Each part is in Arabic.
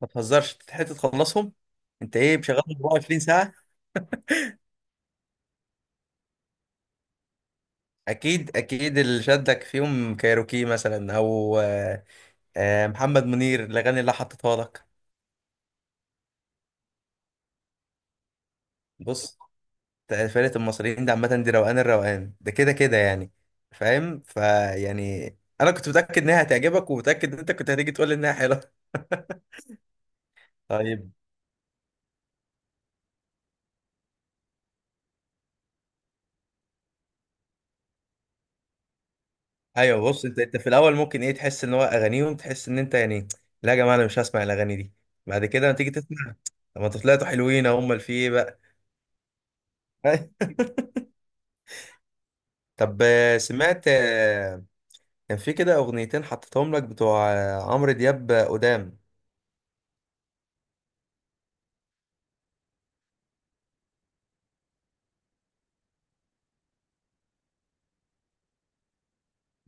ما تهزرش تتحت تخلصهم. انت ايه مشغلهم 24 ساعة؟ اكيد اللي شدك فيهم كايروكي مثلا او محمد منير الاغاني اللي حطيتها لك. بص، فرقة المصريين دي عامة دي روقان، الروقان ده كده كده يعني، فاهم انا كنت متأكد انها هتعجبك ومتأكد ان انت كنت هتيجي تقول لي انها حلوة. طيب. ايوه بص، انت في الاول ممكن ايه تحس ان هو اغانيهم، تحس ان انت يعني لا يا جماعة انا مش هسمع الاغاني دي. بعد كده لما تيجي تسمع، طب ما انتوا طلعتوا حلوين، هم اللي في ايه بقى. طب سمعت كان في كده اغنيتين حطيتهم لك بتوع عمرو دياب قدام.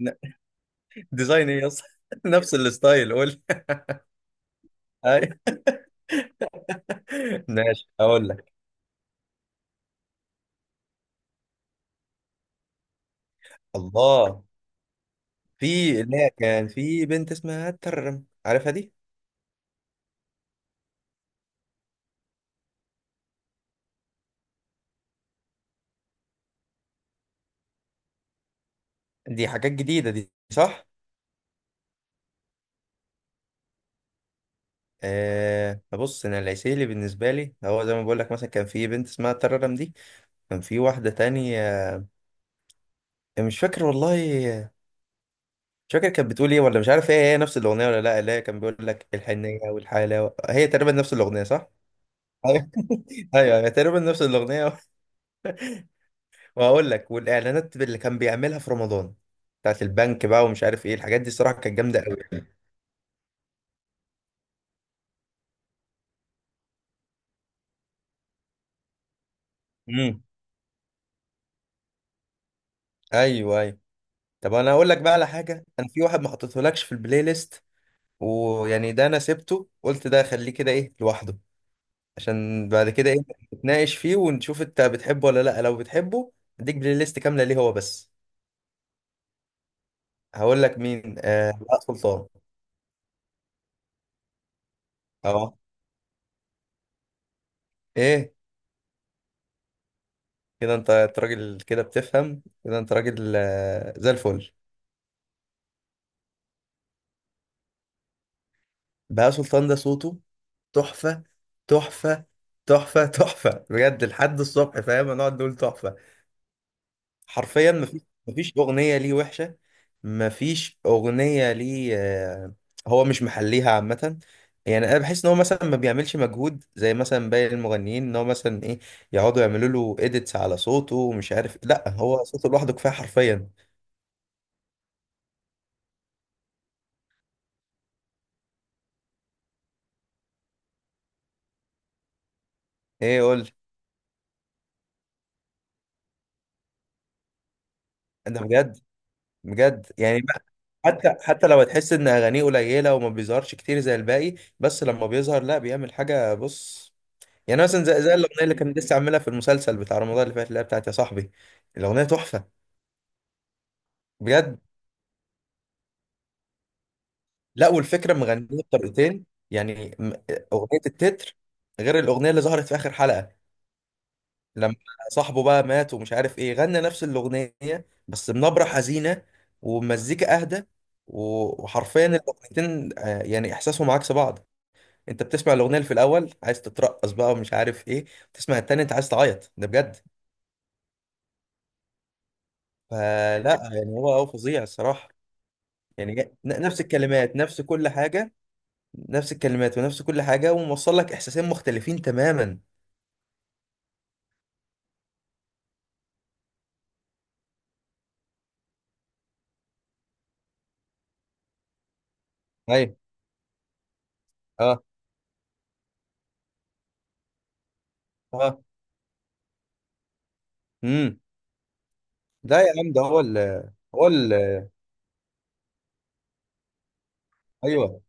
ن- ديزاين ايه اصلا؟ نفس الستايل قول. أي. ماشي اقول لك. الله، في، لا، كان في بنت اسمها ترم عارفها دي؟ دي حاجات جديده دي صح. أه بص، انا العسيلي بالنسبه لي هو زي ما بقول لك مثلا، كان في بنت اسمها ترم دي، كان في واحده تانية، مش فاكر والله، مش فاكر كانت بتقول ايه ولا مش عارف، هي نفس الاغنيه ولا لا، كان بيقول لك الحنيه والحاله، هي تقريبا نفس الاغنيه صح؟ ايوه. ايوه أيوة، تقريبا نفس الاغنيه. وهقول لك والاعلانات اللي كان بيعملها في رمضان بتاعت البنك بقى ومش عارف ايه الحاجات دي، صراحه كانت جامده قوي. امم. ايوه ايوه. طب انا هقول لك بقى على حاجه، انا في واحد ما حطيتهولكش في البلاي ليست، ويعني ده انا سبته قلت ده خليه كده ايه لوحده، عشان بعد كده ايه نتناقش فيه ونشوف انت بتحبه ولا لا، لو بتحبه اديك بلاي ليست كامله ليه هو بس. هقول لك مين، آه لا سلطان. اه. ايه، كده انت راجل كده بتفهم كده، انت راجل آه زي الفل. بهاء سلطان ده صوته تحفة، تحفة، تحفة بجد، لحد الصبح فاهم هنقعد نقول تحفة. حرفيا مفيش، مفيش اغنيه ليه وحشه، مفيش اغنيه ليه هو مش محليها عامه. يعني انا بحس ان هو مثلا ما بيعملش مجهود زي مثلا باقي المغنيين، ان هو مثلا ايه يقعدوا يعملوا له اديتس على صوته ومش عارف، لا هو صوته لوحده كفايه حرفيا. ايه قول. ده بجد، بجد يعني. حتى، حتى لو تحس ان اغانيه قليله وما بيظهرش كتير زي الباقي، بس لما بيظهر لا بيعمل حاجه. بص، يعني مثلا زي الاغنيه اللي كان لسه عاملها في المسلسل بتاع رمضان اللي فات، اللي هي بتاعت يا صاحبي، الاغنيه تحفه بجد. لا، والفكره مغنيه بطريقتين، يعني اغنيه التتر، غير الاغنيه اللي ظهرت في اخر حلقه لما صاحبه بقى مات ومش عارف ايه، غنى نفس الاغنيه بس بنبره حزينه ومزيكا اهدى. وحرفيا الاغنيتين يعني احساسهم عكس بعض. انت بتسمع الاغنيه اللي في الاول عايز تترقص بقى ومش عارف ايه، تسمع التاني انت عايز تعيط. ده بجد، فلا يعني هو فظيع الصراحه. يعني نفس الكلمات نفس كل حاجة، نفس الكلمات ونفس كل حاجة وموصل لك إحساسين مختلفين تماما. ايوه. اه. اه. امم. ده يا عم ده هو ال، هو ال، ايوه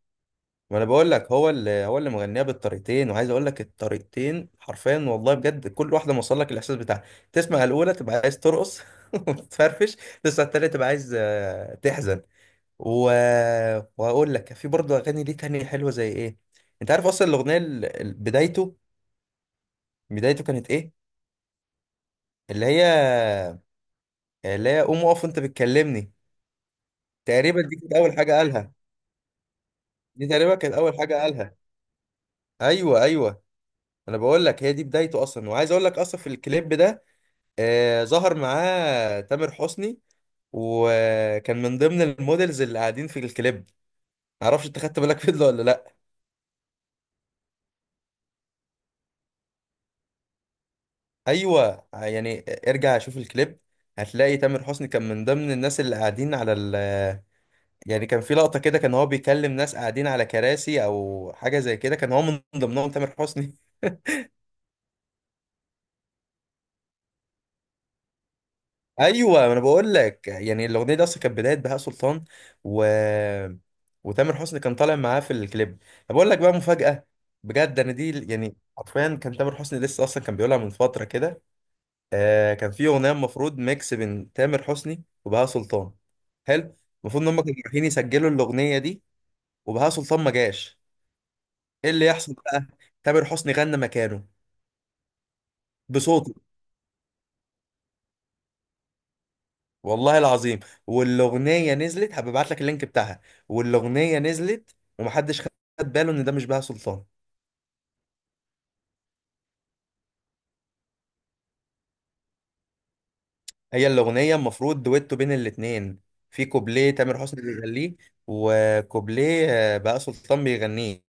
ما انا بقول لك هو ال، هو اللي مغنيها بالطريقتين، وعايز اقول لك الطريقتين حرفيا والله بجد، كل واحده موصل لك الاحساس بتاعها. تسمع الاولى تبقى عايز ترقص، وتفرفش. تسمع التانيه تبقى عايز تحزن و... وهقول لك في برضه اغاني ليه تانية حلوه زي ايه. انت عارف اصلا الاغنيه بدايته، بدايته كانت ايه؟ اللي هي، اللي هي قوم اقف انت بتكلمني. تقريبا دي كانت اول حاجه قالها، دي تقريبا كانت اول حاجه قالها. ايوه ايوه، انا بقول لك هي دي بدايته اصلا. وعايز اقول لك اصلا في الكليب ده آه ظهر معاه تامر حسني، وكان من ضمن المودلز اللي قاعدين في الكليب. معرفش انت خدت بالك فيديو ولا لا. ايوه يعني ارجع شوف الكليب، هتلاقي تامر حسني كان من ضمن الناس اللي قاعدين على ال، يعني كان في لقطة كده كان هو بيكلم ناس قاعدين على كراسي او حاجة زي كده، كان هو من ضمنهم تامر حسني. ايوه ما انا بقول لك، يعني الاغنية دي اصلا كانت بداية بهاء سلطان، و، وتامر حسني كان طالع معاه في الكليب. طب اقول لك بقى مفاجأة، بجد انا دي يعني حرفيا، كان تامر حسني لسه اصلا كان بيقولها من فترة كده. آه كان في اغنية المفروض ميكس بين تامر حسني وبهاء سلطان. حلو. المفروض ان هم كانوا رايحين يسجلوا الاغنية دي وبهاء سلطان ما جاش. ايه اللي يحصل بقى، تامر حسني غنى مكانه بصوته. والله العظيم، والاغنيه نزلت، هبعت لك اللينك بتاعها، والاغنيه نزلت ومحدش خد باله ان ده مش بهاء سلطان. هي الاغنيه المفروض دويتو بين الاتنين، في كوبليه تامر حسني بيغنيه وكوبليه بهاء سلطان بيغنيه.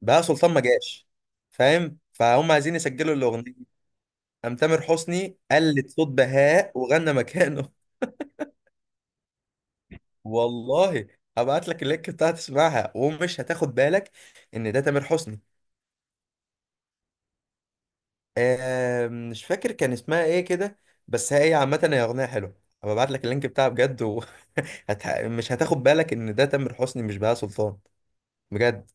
بهاء سلطان ما جاش، فاهم، فهم عايزين يسجلوا الاغنيه، قام تامر حسني قلد صوت بهاء وغنى مكانه. والله. هبعت لك اللينك بتاعها تسمعها ومش هتاخد بالك ان ده تامر حسني. آه مش فاكر كان اسمها ايه كده، بس هي عامة هي أغنية حلوة. هبعت لك اللينك بتاعها بجد وهت... مش هتاخد بالك إن ده تامر حسني مش بهاء سلطان، بجد.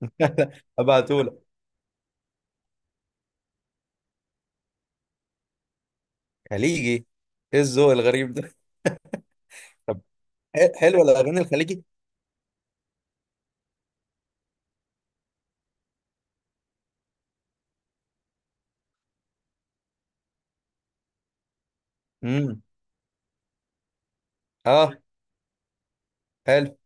هبعته لك. خليجي، ايه الذوق الغريب ده. طب، حلوة الأغاني الخليجي. امم. اه. حلو.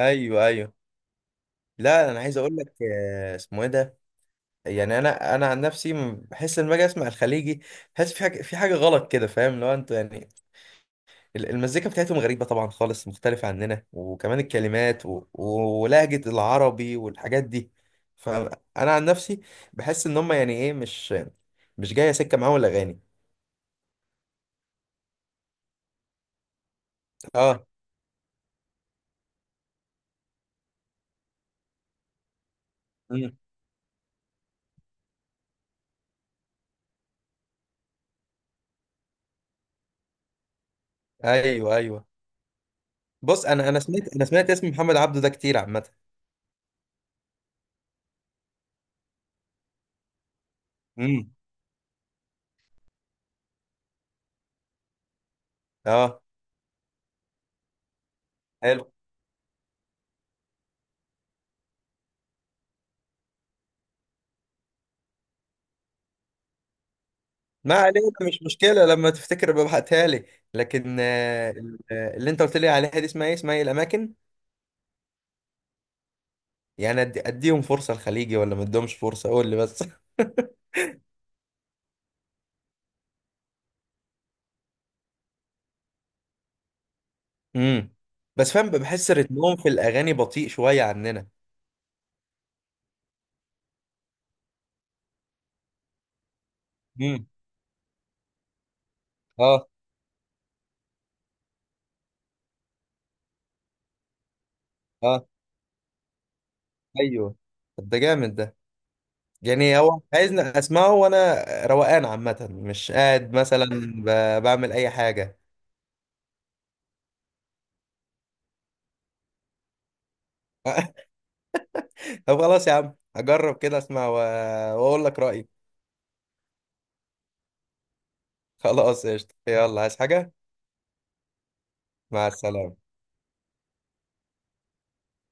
ايوه ايوه، لا انا عايز اقول لك اسمه ايه ده. يعني انا عن نفسي بحس ان باجي اسمع الخليجي بحس في حاجه، في حاجه غلط كده فاهم، لو انت يعني المزيكا بتاعتهم غريبة طبعا خالص، مختلفة عننا وكمان الكلمات و... ولهجة العربي والحاجات دي. فأنا عن نفسي بحس إن هم يعني إيه، مش مش جاية سكة معاهم الأغاني. آه. مم. أيوه أيوه، بص أنا سمعت، أنا سمعت اسم محمد عبده ده كتير عامة. امم. آه. حلو. ما علينا، مش مشكلة، لما تفتكر ببعتها لي. لكن اللي أنت قلت لي عليها دي اسمها إيه، اسمها إيه، الأماكن. يعني أديهم فرصة الخليجي ولا ما أديهمش فرصة قول لي بس. امم. بس فاهم بحس رتمهم في الاغاني بطيء شويه عننا. امم. اه. اه. ايوه. طب ده جامد ده، يعني هو عايزني اسمعه وانا روقان عامه مش قاعد مثلا بعمل اي حاجه. طب خلاص يا عم هجرب كده اسمع واقول لك رايي. خلاص قشطه، يلا عايز حاجه. مع السلامه.